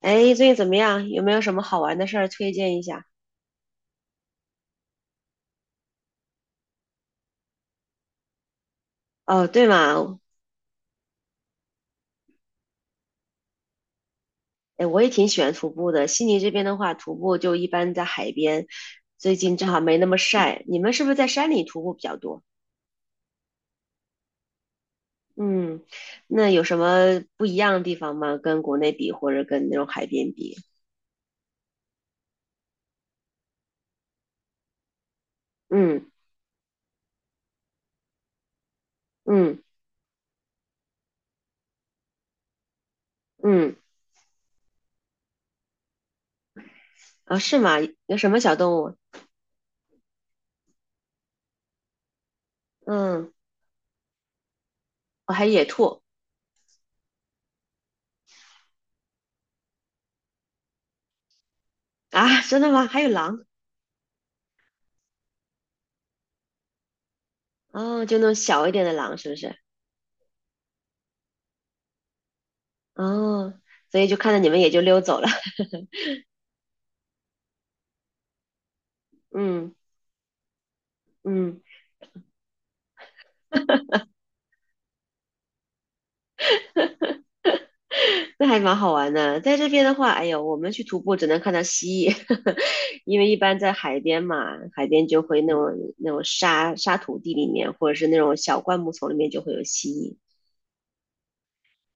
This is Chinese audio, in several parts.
哎，最近怎么样？有没有什么好玩的事儿推荐一下？哦，对嘛。哎，我也挺喜欢徒步的。悉尼这边的话，徒步就一般在海边，最近正好没那么晒。你们是不是在山里徒步比较多？嗯，那有什么不一样的地方吗？跟国内比，或者跟那种海边比？嗯嗯嗯，啊，是吗？有什么小动物？嗯，哦，还有野兔。啊？真的吗？还有狼？哦，就那种小一点的狼，是不是？哦，所以就看到你们也就溜走了。嗯。嗯，那还蛮好玩的。在这边的话，哎呦，我们去徒步只能看到蜥蜴，因为一般在海边嘛，海边就会那种那种土地里面，或者是那种小灌木丛里面就会有蜥蜴。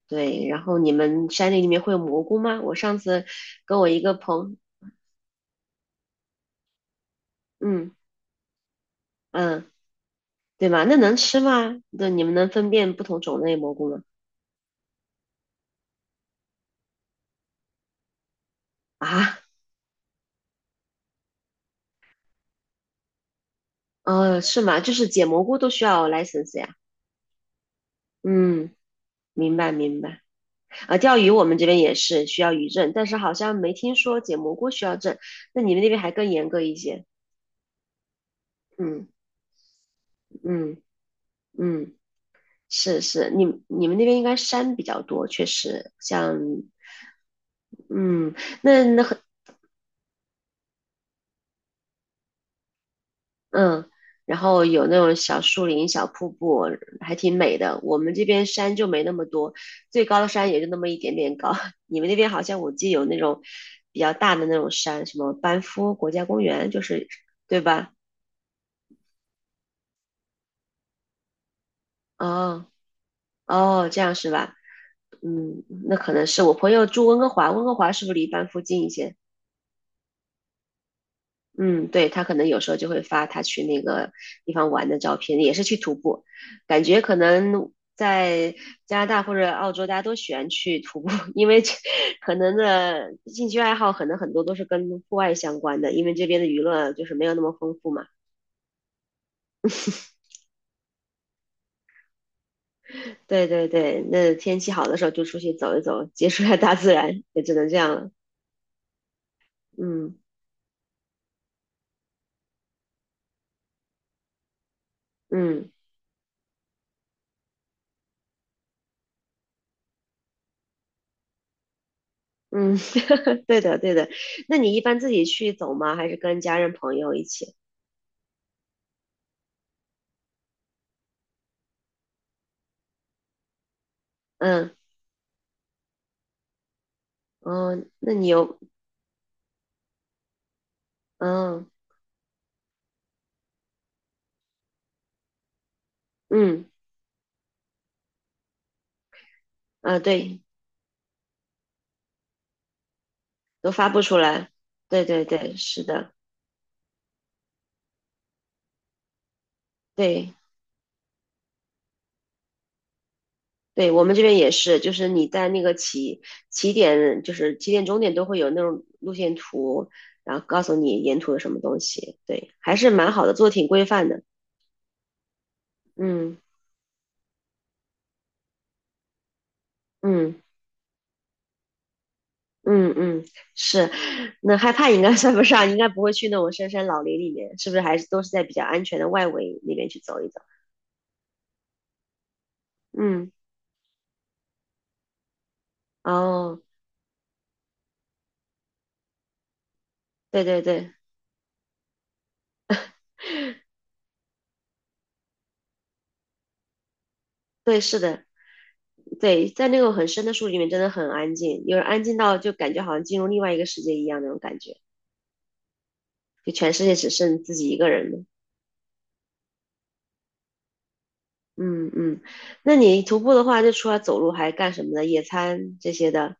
对，然后你们山里面会有蘑菇吗？我上次跟我一个朋，嗯嗯，对吧？那能吃吗？对，你们能分辨不同种类蘑菇吗？啊，哦，是吗？就是捡蘑菇都需要 license 呀？嗯，明白明白。啊，钓鱼我们这边也是需要渔证，但是好像没听说捡蘑菇需要证。那你们那边还更严格一些？嗯嗯嗯，是是，你们那边应该山比较多，确实像嗯，那那很嗯，然后有那种小树林、小瀑布，还挺美的。我们这边山就没那么多，最高的山也就那么一点点高。你们那边好像我记得有那种比较大的那种山，什么班夫国家公园，就是对吧？哦。哦，这样是吧？嗯，那可能是我朋友住温哥华，温哥华是不是离班附近一些？嗯，对，他可能有时候就会发他去那个地方玩的照片，也是去徒步，感觉可能在加拿大或者澳洲，大家都喜欢去徒步，因为这可能的兴趣爱好可能很多都是跟户外相关的，因为这边的娱乐就是没有那么丰富嘛。对对对，那天气好的时候就出去走一走，接触一下大自然，也只能这样了。嗯嗯。嗯，对的，对的。那你一般自己去走吗？还是跟家人朋友一起？嗯，嗯，那你有，嗯嗯啊，对，都发布出来。对对对，是的，对对，我们这边也是，就是你在那个起起点，就是起点终点都会有那种路线图，然后告诉你沿途有什么东西。对，还是蛮好的，做得挺规范的。嗯嗯。嗯嗯，是，那害怕应该算不上，应该不会去那种深山老林里面，是不是还是都是在比较安全的外围那边去走一走？嗯，哦，对对对对，是的，对，在那种很深的树里面真的很安静，有人安静到就感觉好像进入另外一个世界一样那种感觉，就全世界只剩自己一个人了。嗯嗯，那你徒步的话，就除了走路还干什么呢？野餐这些的。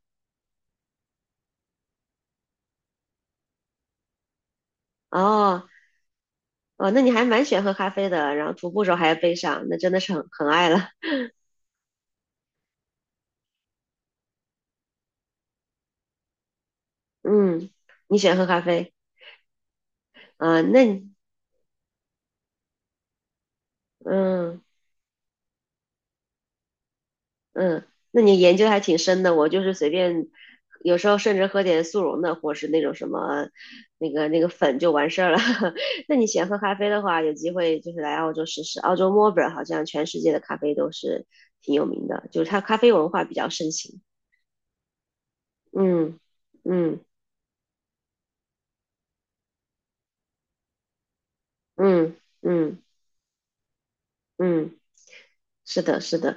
哦哦，那你还蛮喜欢喝咖啡的，然后徒步时候还要背上，那真的是很爱了。嗯，你喜欢喝咖啡啊？那你嗯嗯，那你研究还挺深的。我就是随便，有时候甚至喝点速溶的，或是那种什么那个粉就完事儿了。那你喜欢喝咖啡的话，有机会就是来澳洲试试。澳洲墨尔本好像全世界的咖啡都是挺有名的，就是它咖啡文化比较盛行。嗯嗯嗯嗯嗯嗯，是的，是的。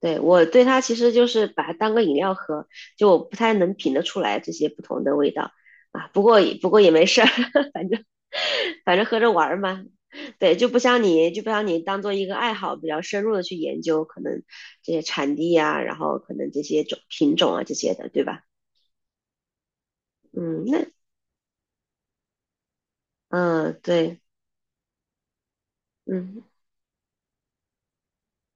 对，我对它其实就是把它当个饮料喝，就我不太能品得出来这些不同的味道啊。不过也没事儿，反正反正喝着玩儿嘛。对，就不像你当做一个爱好，比较深入的去研究，可能这些产地呀，然后可能这些种品种啊这些的，对吧？嗯，那嗯对，嗯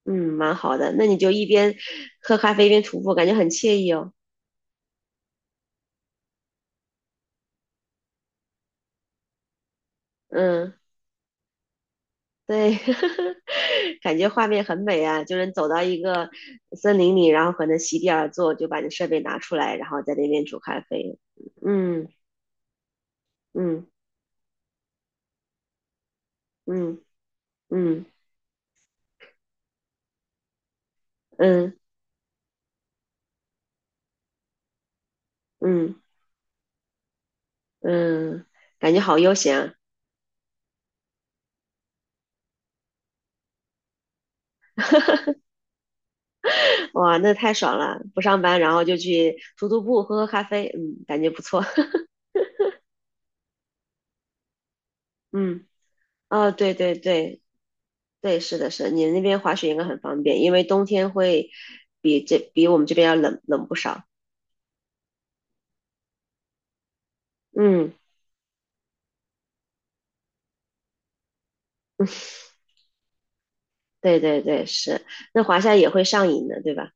嗯，蛮好的。那你就一边喝咖啡一边徒步，感觉很惬意哦。嗯。对，感觉画面很美啊，就是走到一个森林里，然后可能席地而坐，就把你设备拿出来，然后在那边煮咖啡。嗯嗯嗯嗯嗯嗯嗯，感觉好悠闲啊，哇，那太爽了！不上班，然后就去徒步，喝喝咖啡，嗯，感觉不错。嗯，哦，对对对对，是的，是的，你那边滑雪应该很方便，因为冬天会比这比我们这边要冷不少。嗯对对对，是，那华夏也会上瘾的，对吧？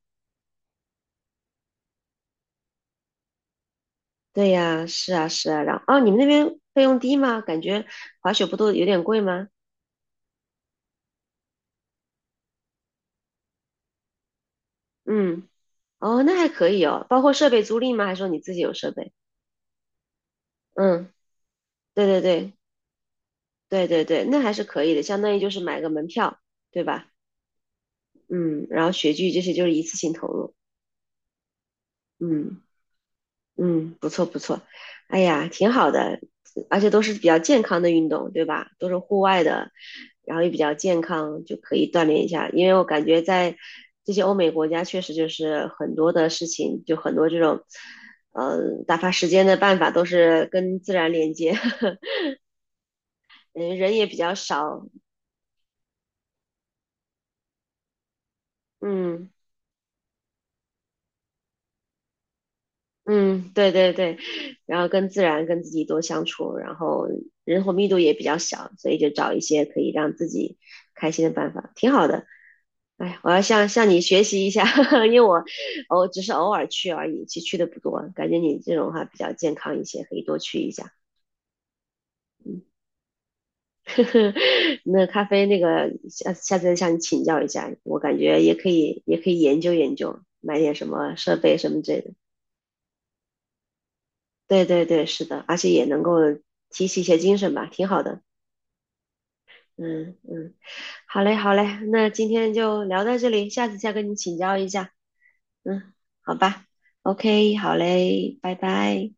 对呀，是啊是啊，然后哦，你们那边费用低吗？感觉滑雪不都有点贵吗？嗯，哦，那还可以哦，包括设备租赁吗？还是说你自己有设备？嗯，对对对对对对，那还是可以的，相当于就是买个门票，对吧？嗯，然后雪具这些就是一次性投入，嗯。嗯，不错不错，哎呀，挺好的，而且都是比较健康的运动，对吧？都是户外的，然后也比较健康，就可以锻炼一下。因为我感觉在这些欧美国家，确实就是很多的事情，就很多这种，打发时间的办法都是跟自然连接，嗯，人也比较少，嗯。嗯，对对对，然后跟自然、跟自己多相处，然后人口密度也比较小，所以就找一些可以让自己开心的办法，挺好的。哎，我要向你学习一下，因为我只是偶尔去而已，其实去的不多。感觉你这种话比较健康一些，可以多去一下。嗯，那咖啡那个下次再向你请教一下，我感觉也可以研究研究，买点什么设备什么这对对对，是的，而且也能够提起一些精神吧，挺好的。嗯嗯，好嘞好嘞，那今天就聊到这里，下次再跟你请教一下。嗯，好吧，OK，好嘞，拜拜。